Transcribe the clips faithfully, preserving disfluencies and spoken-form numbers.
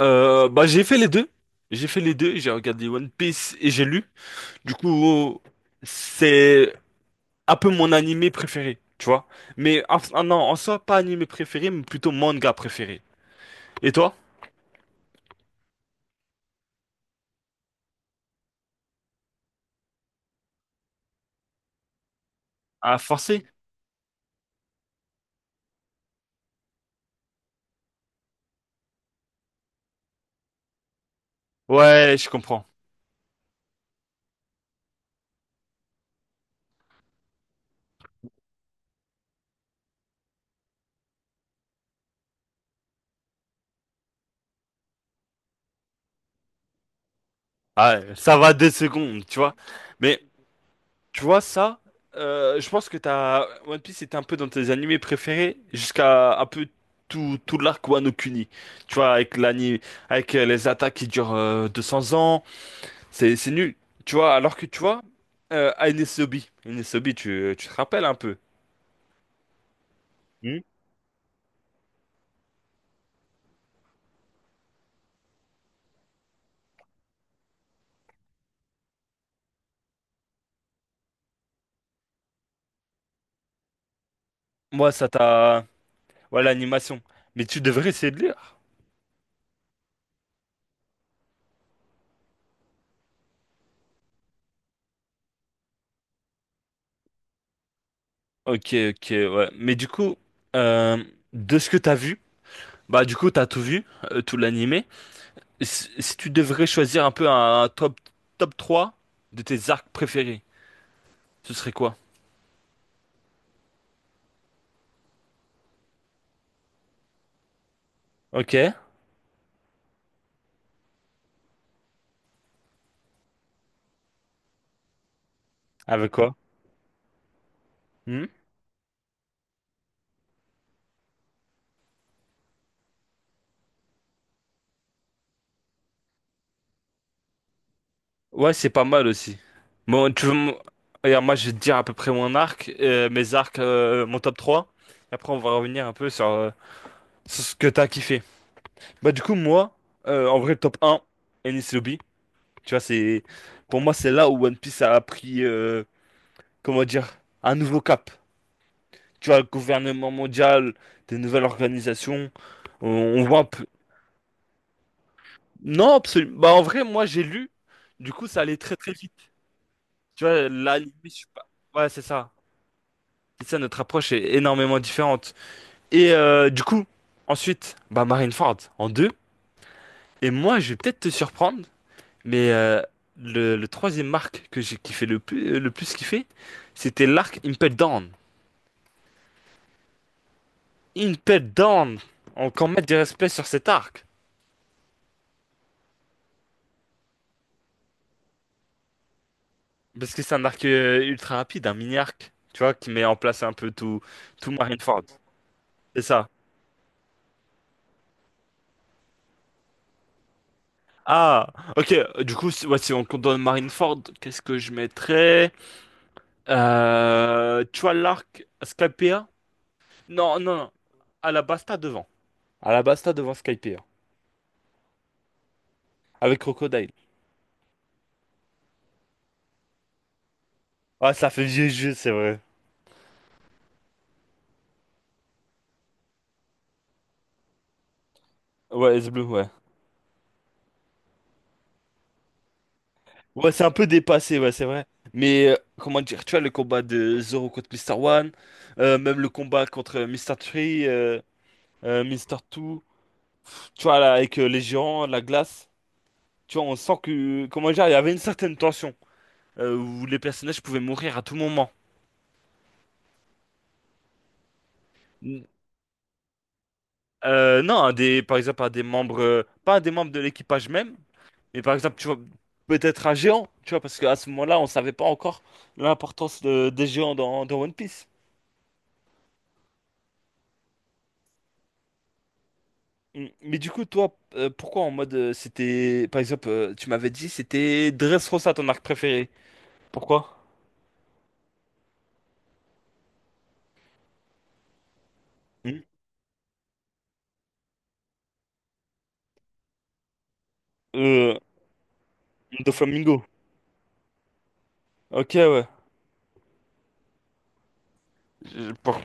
Euh, bah j'ai fait les deux. J'ai fait les deux, j'ai regardé One Piece et j'ai lu. Du coup, c'est un peu mon animé préféré, tu vois. Mais en, ah non, en soi, pas animé préféré, mais plutôt manga préféré. Et toi? Ah, forcé? Ouais, je comprends. Ah, ça va deux secondes, tu vois. Mais tu vois ça, euh, je pense que t'as One Piece était un peu dans tes animés préférés jusqu'à un peu tout tout l'arc Wano Kuni. Tu vois, avec l'anime, avec euh, les attaques qui durent euh, deux cents ans. C'est c'est nul. Tu vois, alors que tu vois, euh, Aines Obi, Aines Obi, tu, tu te rappelles un peu. Hmm. Moi, ça t'a. Ouais, l'animation. Mais tu devrais essayer de lire. Ok, ok, ouais. Mais du coup, euh, de ce que t'as vu, bah du coup, t'as tout vu, euh, tout l'animé. Si, si tu devrais choisir un peu un, un top, top trois de tes arcs préférés, ce serait quoi? Ok. Avec quoi? Ouais, c'est pas mal aussi. Bon, tu veux... mon- Regarde, moi, je vais te dire à peu près mon arc, euh, mes arcs, euh, mon top trois. Et après, on va revenir un peu sur, euh, sur ce que t'as kiffé. Bah, du coup, moi, euh, en vrai, le top un, Enies Lobby. Tu vois, c'est... Pour moi, c'est là où One Piece a pris, euh, comment dire, un nouveau cap. Tu vois, le gouvernement mondial, des nouvelles organisations. On, on voit un peu... Non, absolument. Bah, en vrai, moi, j'ai lu. Du coup, ça allait très, très vite. Tu vois, l'anime, je sais pas... Ouais, c'est ça. C'est ça, notre approche est énormément différente. Et euh, du coup, ensuite, bah Marineford en deux. Et moi, je vais peut-être te surprendre, mais euh, le, le troisième arc que j'ai kiffé le plus, euh, le plus kiffé, c'était l'arc Impel Down. Impel Down! Encore mettre du respect sur cet arc. Parce que c'est un arc euh, ultra rapide, un mini arc, tu vois, qui met en place un peu tout, tout Marineford. C'est ça. Ah, ok, du coup, si, ouais, si on compte dans Marineford, qu'est-ce que je mettrais? Euh, tu vois l'arc Skypea? Non, non, non. Alabasta devant. Alabasta devant Skypea. Avec Crocodile. Ah, ça fait vieux jeu, c'est vrai. Ouais, S bleu, ouais. Ouais, c'est un peu dépassé, ouais, c'est vrai. Mais euh, comment dire, tu vois le combat de Zoro contre Mister One, euh, même le combat contre Mister Three, euh, euh, mister Two, tu vois, là, avec euh, les géants, la glace, tu vois, on sent que, comment dire, il y avait une certaine tension euh, où les personnages pouvaient mourir à tout moment. Euh, non, un des, par exemple, un des membres, euh, pas un des membres de l'équipage même, mais par exemple, tu vois, peut-être un géant, tu vois, parce qu'à ce moment-là, on savait pas encore l'importance de- des géants dans, dans, One Piece. Mm. Mais du coup, toi, euh, pourquoi en mode, euh, c'était, par exemple, euh, tu m'avais dit, c'était Dressrosa, ton arc préféré. Pourquoi? Mm. Euh, Doflamingo. Ok, ouais. Je- pour-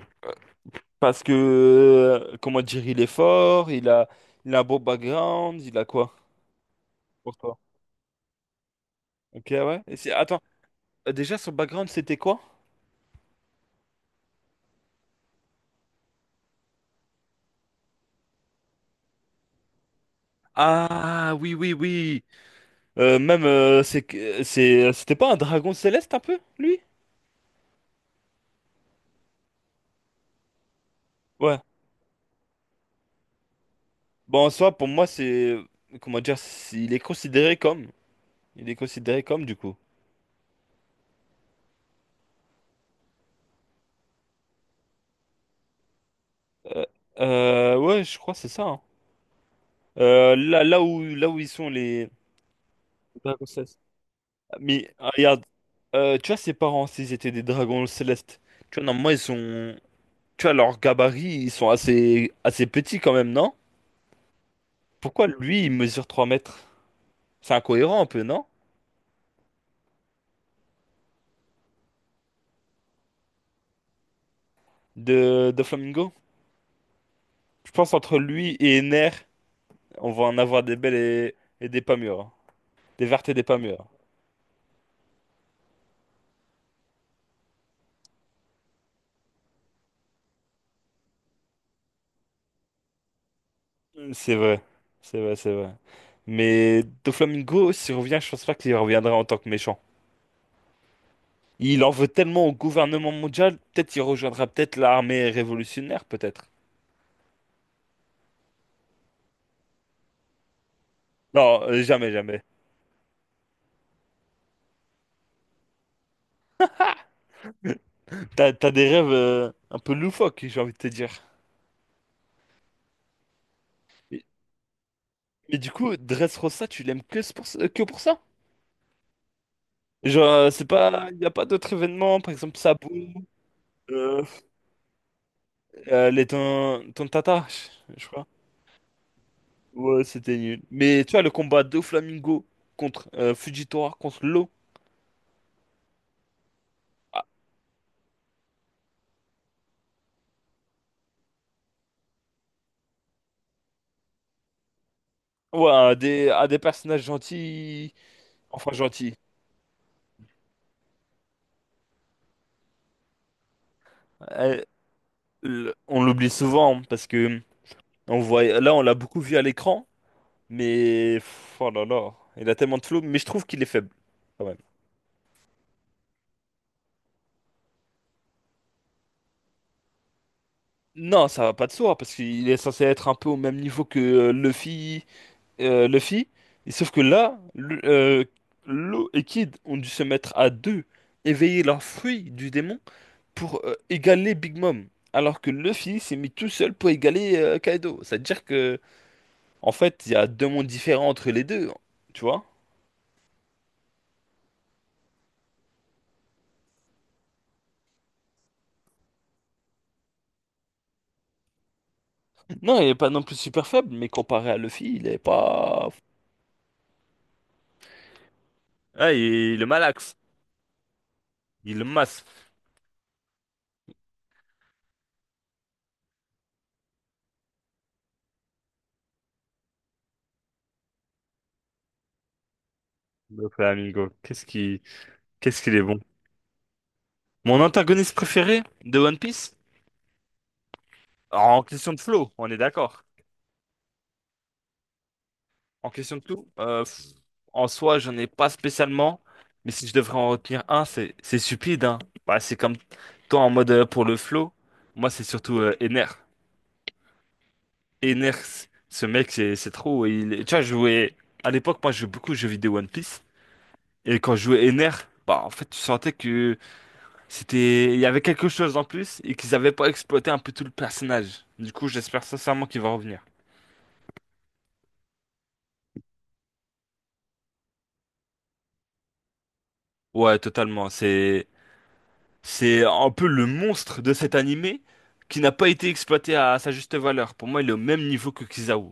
Parce que, euh, comment dire, il est fort, il a, il a un beau background, il a quoi? Pour toi. Ok, ouais. Et c'est- attends. Euh, Déjà, son background, c'était quoi? Ah, oui, oui, oui. Euh, même, euh, c'est, que- euh, c'est, euh, c'était pas un dragon céleste un peu, lui? Ouais. Bon, en soi, pour moi, c'est, comment dire, c'est- il est considéré comme, il est considéré comme, du coup. Euh, euh, ouais, je crois que c'est ça, hein. Euh, là, là où, là où ils sont les dragons célestes. Mais ah, regarde, euh, tu vois, ses parents, s'ils étaient des dragons célestes, tu vois, normalement, ils sont, tu vois, leur gabarit, ils sont assez, assez petits quand même, non? Pourquoi lui, il mesure trois mètres? C'est incohérent un peu, non? De, de Flamingo? Je pense entre lui et Ener, on va en avoir des belles et, et des pas mûres, hein. Des vertes et des pas mûres. C'est vrai. C'est vrai, c'est vrai. Mais de Flamingo, s'il revient, je pense pas qu'il reviendra en tant que méchant. Il en veut tellement au gouvernement mondial, peut-être qu'il rejoindra peut-être l'armée révolutionnaire, peut-être. Non, euh, jamais, jamais. T'as, t'as des rêves euh, un peu loufoques, j'ai envie de te dire. Mais, mais du coup, Dressrosa, tu l'aimes que, c'est pour- que pour ça? Genre, euh, c'est pas, il n'y a pas d'autres événements, par exemple Sabou, euh, euh, les ton, Tontata, je je crois. Ouais, c'était nul. Mais tu vois, le combat de Flamingo contre euh, Fujitora, contre Law, ah, ouais, à des, à des, personnages gentils, enfin gentils. Euh, le- on l'oublie souvent, hein, parce que on voit, là, on l'a beaucoup vu à l'écran, mais pff, oh là là, il a tellement de flow, mais je trouve qu'il est faible quand même. Non, ça va pas de soi parce qu'il est censé être un peu au même niveau que euh, Luffy. euh, Luffy. Et sauf que là, Lu- euh, Law et Kid ont dû se mettre à deux, éveiller leurs fruits du démon pour euh, égaler Big Mom. Alors que Luffy s'est mis tout seul pour égaler euh, Kaido. C'est-à-dire que, en fait, il y a deux mondes différents entre les deux. Tu vois? Non, il est pas non plus super faible, mais comparé à Luffy, il est pas. Ah, il, il le malaxe. Il le masse. Le Flamingo. Qu'est-ce qui, qu'est-ce qu'il est bon. Mon antagoniste préféré de One Piece? En question de flow, on est d'accord. En question de tout, euh, pff, en soi, j'en ai pas spécialement, mais si je devrais en retenir un, c'est c'est stupide, hein. Bah, c'est comme toi en mode euh, pour le flow, moi c'est surtout euh, Ener. Ener, c- ce mec, c'est c'est trop. Il, est- tu vois, je jouais à l'époque, moi je jouais beaucoup aux jeux vidéo One Piece, et quand je jouais Ener, bah en fait, tu sentais que c'était, il y avait quelque chose en plus et qu'ils avaient pas exploité un peu tout le personnage. Du coup, j'espère sincèrement qu'il va revenir. Ouais, totalement. C'est C'est un peu le monstre de cet animé qui n'a pas été exploité à sa juste valeur. Pour moi, il est au même niveau que Kizaru.